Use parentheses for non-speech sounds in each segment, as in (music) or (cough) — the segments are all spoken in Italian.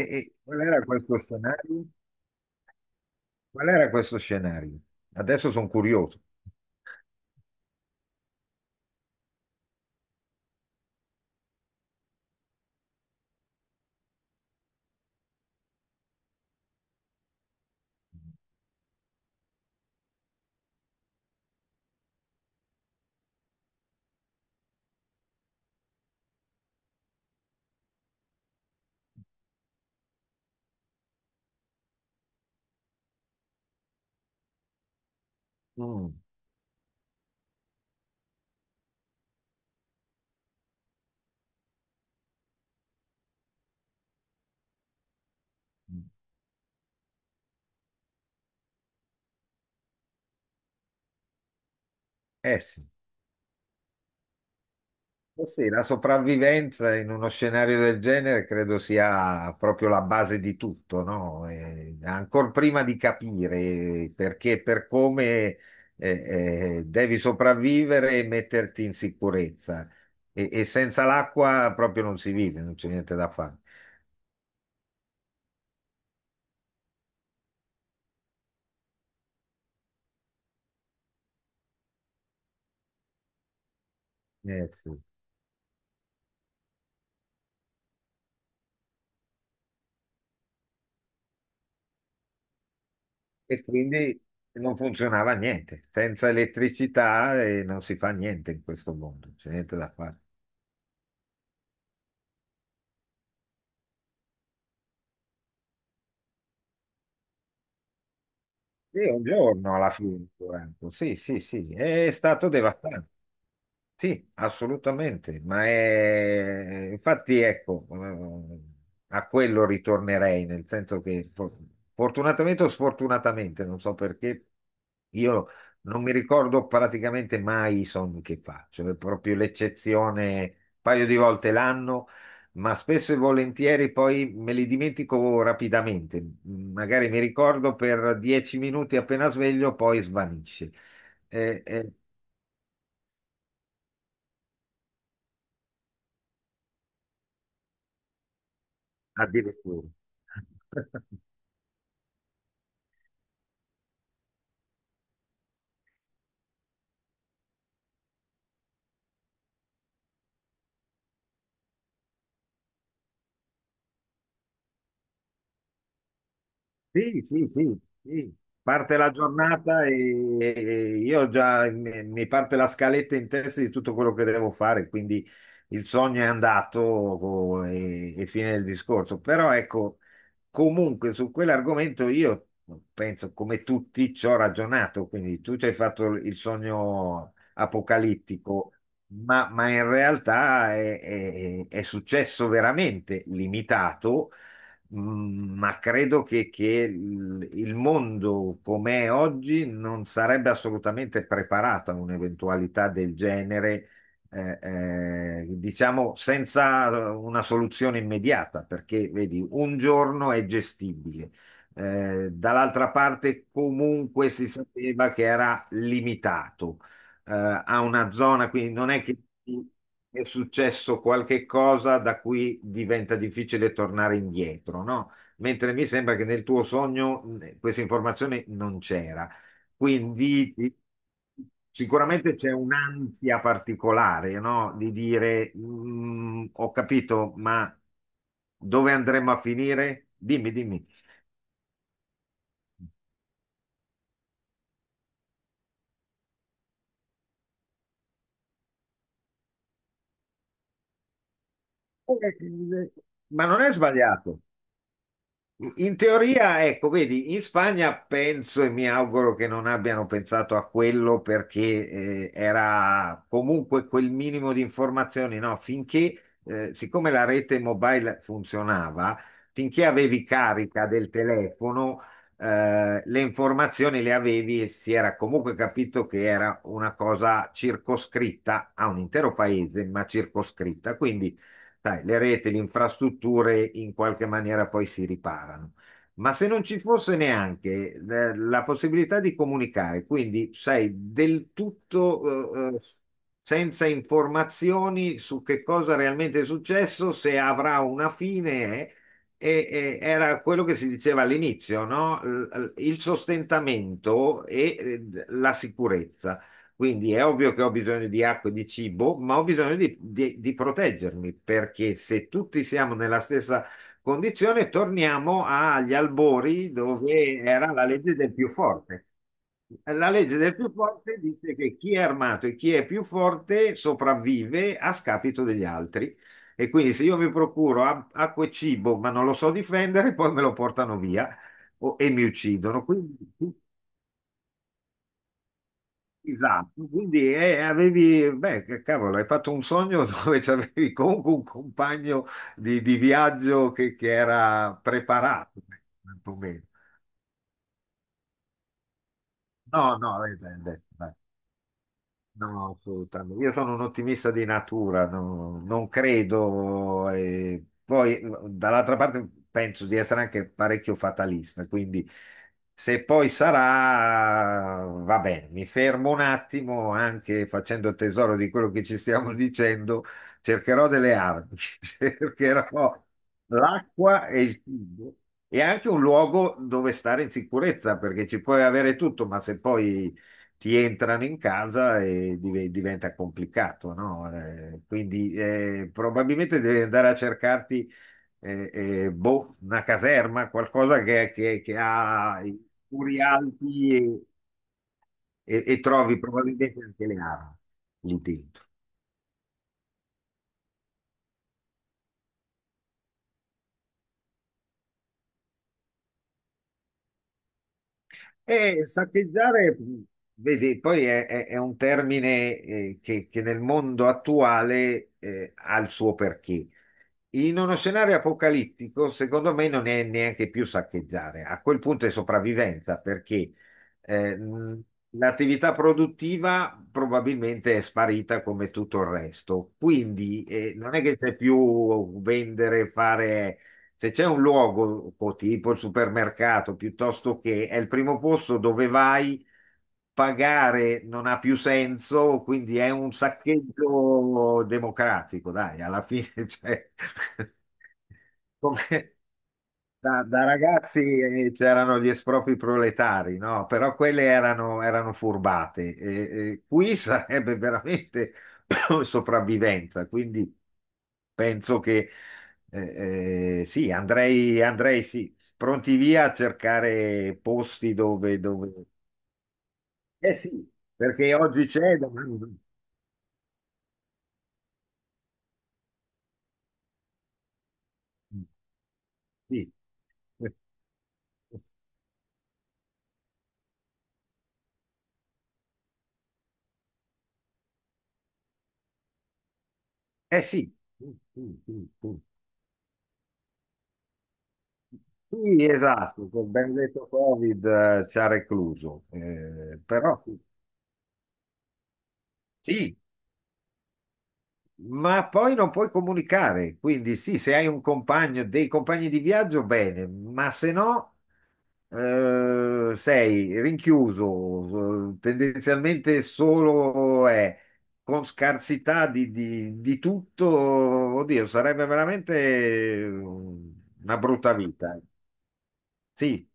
E qual era questo scenario? Qual era questo scenario? Adesso sono curioso. Mm. Eh sì, eh sì, la sopravvivenza in uno scenario del genere credo sia proprio la base di tutto, no? Ancor prima di capire perché, per come eh, devi sopravvivere e metterti in sicurezza. E senza l'acqua proprio non si vive, non c'è niente da fare. Eh sì. E quindi non funzionava niente. Senza elettricità non si fa niente in questo mondo, c'è niente da fare. Io un giorno alla fine, ho detto, sì, sì, sì, è stato devastante. Sì, assolutamente, ma infatti ecco, a quello ritornerei, nel senso che fortunatamente o sfortunatamente, non so perché, io non mi ricordo praticamente mai i sogni che faccio, è proprio l'eccezione, un paio di volte l'anno, ma spesso e volentieri poi me li dimentico rapidamente, magari mi ricordo per 10 minuti appena sveglio, poi svanisce. Eh, eh, Addirittura. (laughs) Sì, sì, sì, sì. Parte la giornata e io già mi parte la scaletta in testa di tutto quello che devo fare, quindi il sogno è andato, oh, e fine del discorso. Però ecco, comunque su quell'argomento io penso come tutti ci ho ragionato, quindi tu ci hai fatto il sogno apocalittico. Ma in realtà è successo veramente limitato. Ma credo che il mondo com'è oggi non sarebbe assolutamente preparato a un'eventualità del genere, eh, diciamo senza una soluzione immediata, perché vedi, un giorno è gestibile. Dall'altra parte comunque si sapeva che era limitato ha una zona, quindi non è che ti è successo qualche cosa da cui diventa difficile tornare indietro, no? Mentre mi sembra che nel tuo sogno questa informazione non c'era. Quindi sicuramente c'è un'ansia particolare, no? Di dire: "Mm, ho capito, ma dove andremo a finire? Dimmi, dimmi." Eh, Ma non è sbagliato. In teoria, ecco, vedi, in Spagna penso e mi auguro che non abbiano pensato a quello, perché era comunque quel minimo di informazioni, no? Finché, siccome la rete mobile funzionava, finché avevi carica del telefono, le informazioni le avevi, e si era comunque capito che era una cosa circoscritta a un intero paese, ma circoscritta. Quindi sai, le reti, le infrastrutture in qualche maniera poi si riparano. Ma se non ci fosse neanche la possibilità di comunicare, quindi sei del tutto senza informazioni su che cosa realmente è successo, se avrà una fine. E era quello che si diceva all'inizio, no? Il sostentamento e la sicurezza. Quindi è ovvio che ho bisogno di acqua e di cibo, ma ho bisogno di proteggermi, perché se tutti siamo nella stessa condizione, torniamo agli albori dove era la legge del più forte. La legge del più forte dice che chi è armato e chi è più forte sopravvive a scapito degli altri. E quindi se io mi procuro acqua e cibo, ma non lo so difendere, poi me lo portano via e mi uccidono. Quindi esatto, quindi avevi, beh, che cavolo, hai fatto un sogno (laughs) dove avevi comunque un compagno di viaggio che era preparato, quantomeno. No, no, beh, beh, beh. No, assolutamente. Io sono un ottimista di natura, non credo. E poi, dall'altra parte, penso di essere anche parecchio fatalista, quindi se poi sarà, va bene, mi fermo un attimo, anche facendo tesoro di quello che ci stiamo dicendo, cercherò delle armi, (laughs) cercherò l'acqua e il cibo e anche un luogo dove stare in sicurezza, perché ci puoi avere tutto, ma se poi ti entrano in casa e diventa complicato, no? Quindi probabilmente devi andare a cercarti boh, una caserma, qualcosa che ha i muri alti, e trovi probabilmente anche le armi lì dentro. E saccheggiare, vedi, poi è un termine che nel mondo attuale ha il suo perché. In uno scenario apocalittico, secondo me, non è neanche più saccheggiare. A quel punto è sopravvivenza, perché eh, mh, l'attività produttiva probabilmente è sparita come tutto il resto. Quindi non è che c'è più vendere, fare... Se c'è un luogo, tipo il supermercato, piuttosto che è il primo posto dove vai, pagare non ha più senso, quindi è un saccheggio democratico, dai, alla fine, (laughs) cioè, come- da da ragazzi, c'erano gli espropri proletari, no? Però quelle erano furbate. E qui (laughs) sarebbe veramente (coughs) sopravvivenza, quindi penso che sì, andrei sì, pronti via a cercare posti dove eh sì, perché oggi c'è... domani- Sì. Eh sì. Sì, esatto, col benedetto Covid ci ha recluso. Però sì, ma poi non puoi comunicare, quindi sì, se hai un compagno, dei compagni di viaggio, bene, ma se no sei rinchiuso, tendenzialmente solo è con scarsità di tutto, oddio, sarebbe veramente una brutta vita. Sì,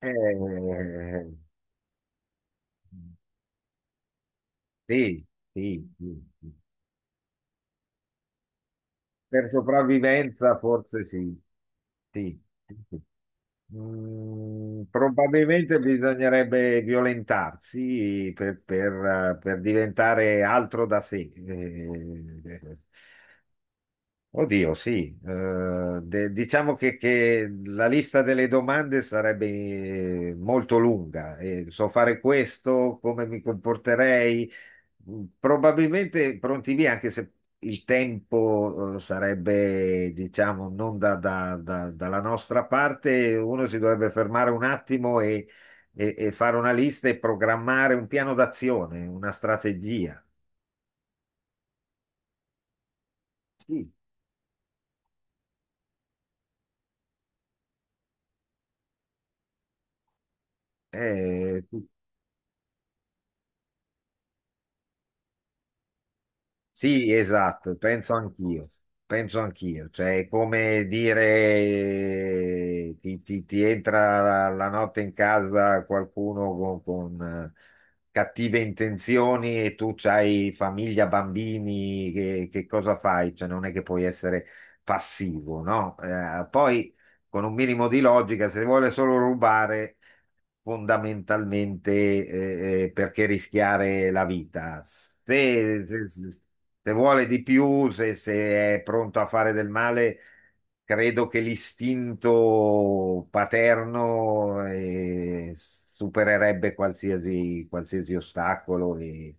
eh, sì, sì, sì. Sì. Per sopravvivenza forse sì. Sì, sì, sì. Probabilmente bisognerebbe violentarsi, per diventare altro da sé. Oddio, sì. Diciamo che la lista delle domande sarebbe molto lunga. So fare questo, come mi comporterei. Probabilmente pronti via, anche se il tempo sarebbe, diciamo, non dalla nostra parte, uno si dovrebbe fermare un attimo e fare una lista e programmare un piano d'azione, una strategia. Sì. Eh, Sì, esatto, penso anch'io, cioè è come dire, ti, ti entra la notte in casa qualcuno con, cattive intenzioni, e tu hai famiglia, bambini, che cosa fai? Cioè non è che puoi essere passivo, no? Poi con un minimo di logica, se vuole solo rubare fondamentalmente, perché rischiare la vita. Se vuole di più, se è pronto a fare del male, credo che l'istinto paterno supererebbe qualsiasi, qualsiasi ostacolo, e,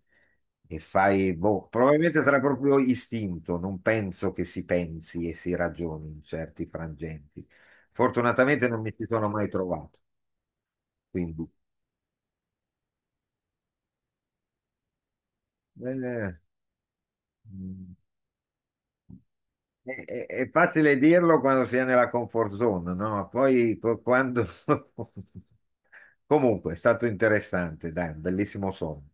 e fai, boh, probabilmente sarà proprio istinto, non penso che si pensi e si ragioni in certi frangenti. Fortunatamente non mi ci sono mai trovato, quindi eh, mm, è facile dirlo quando si è nella comfort zone, no? Poi quando... (laughs) Comunque, è stato interessante, dai, un bellissimo sonno.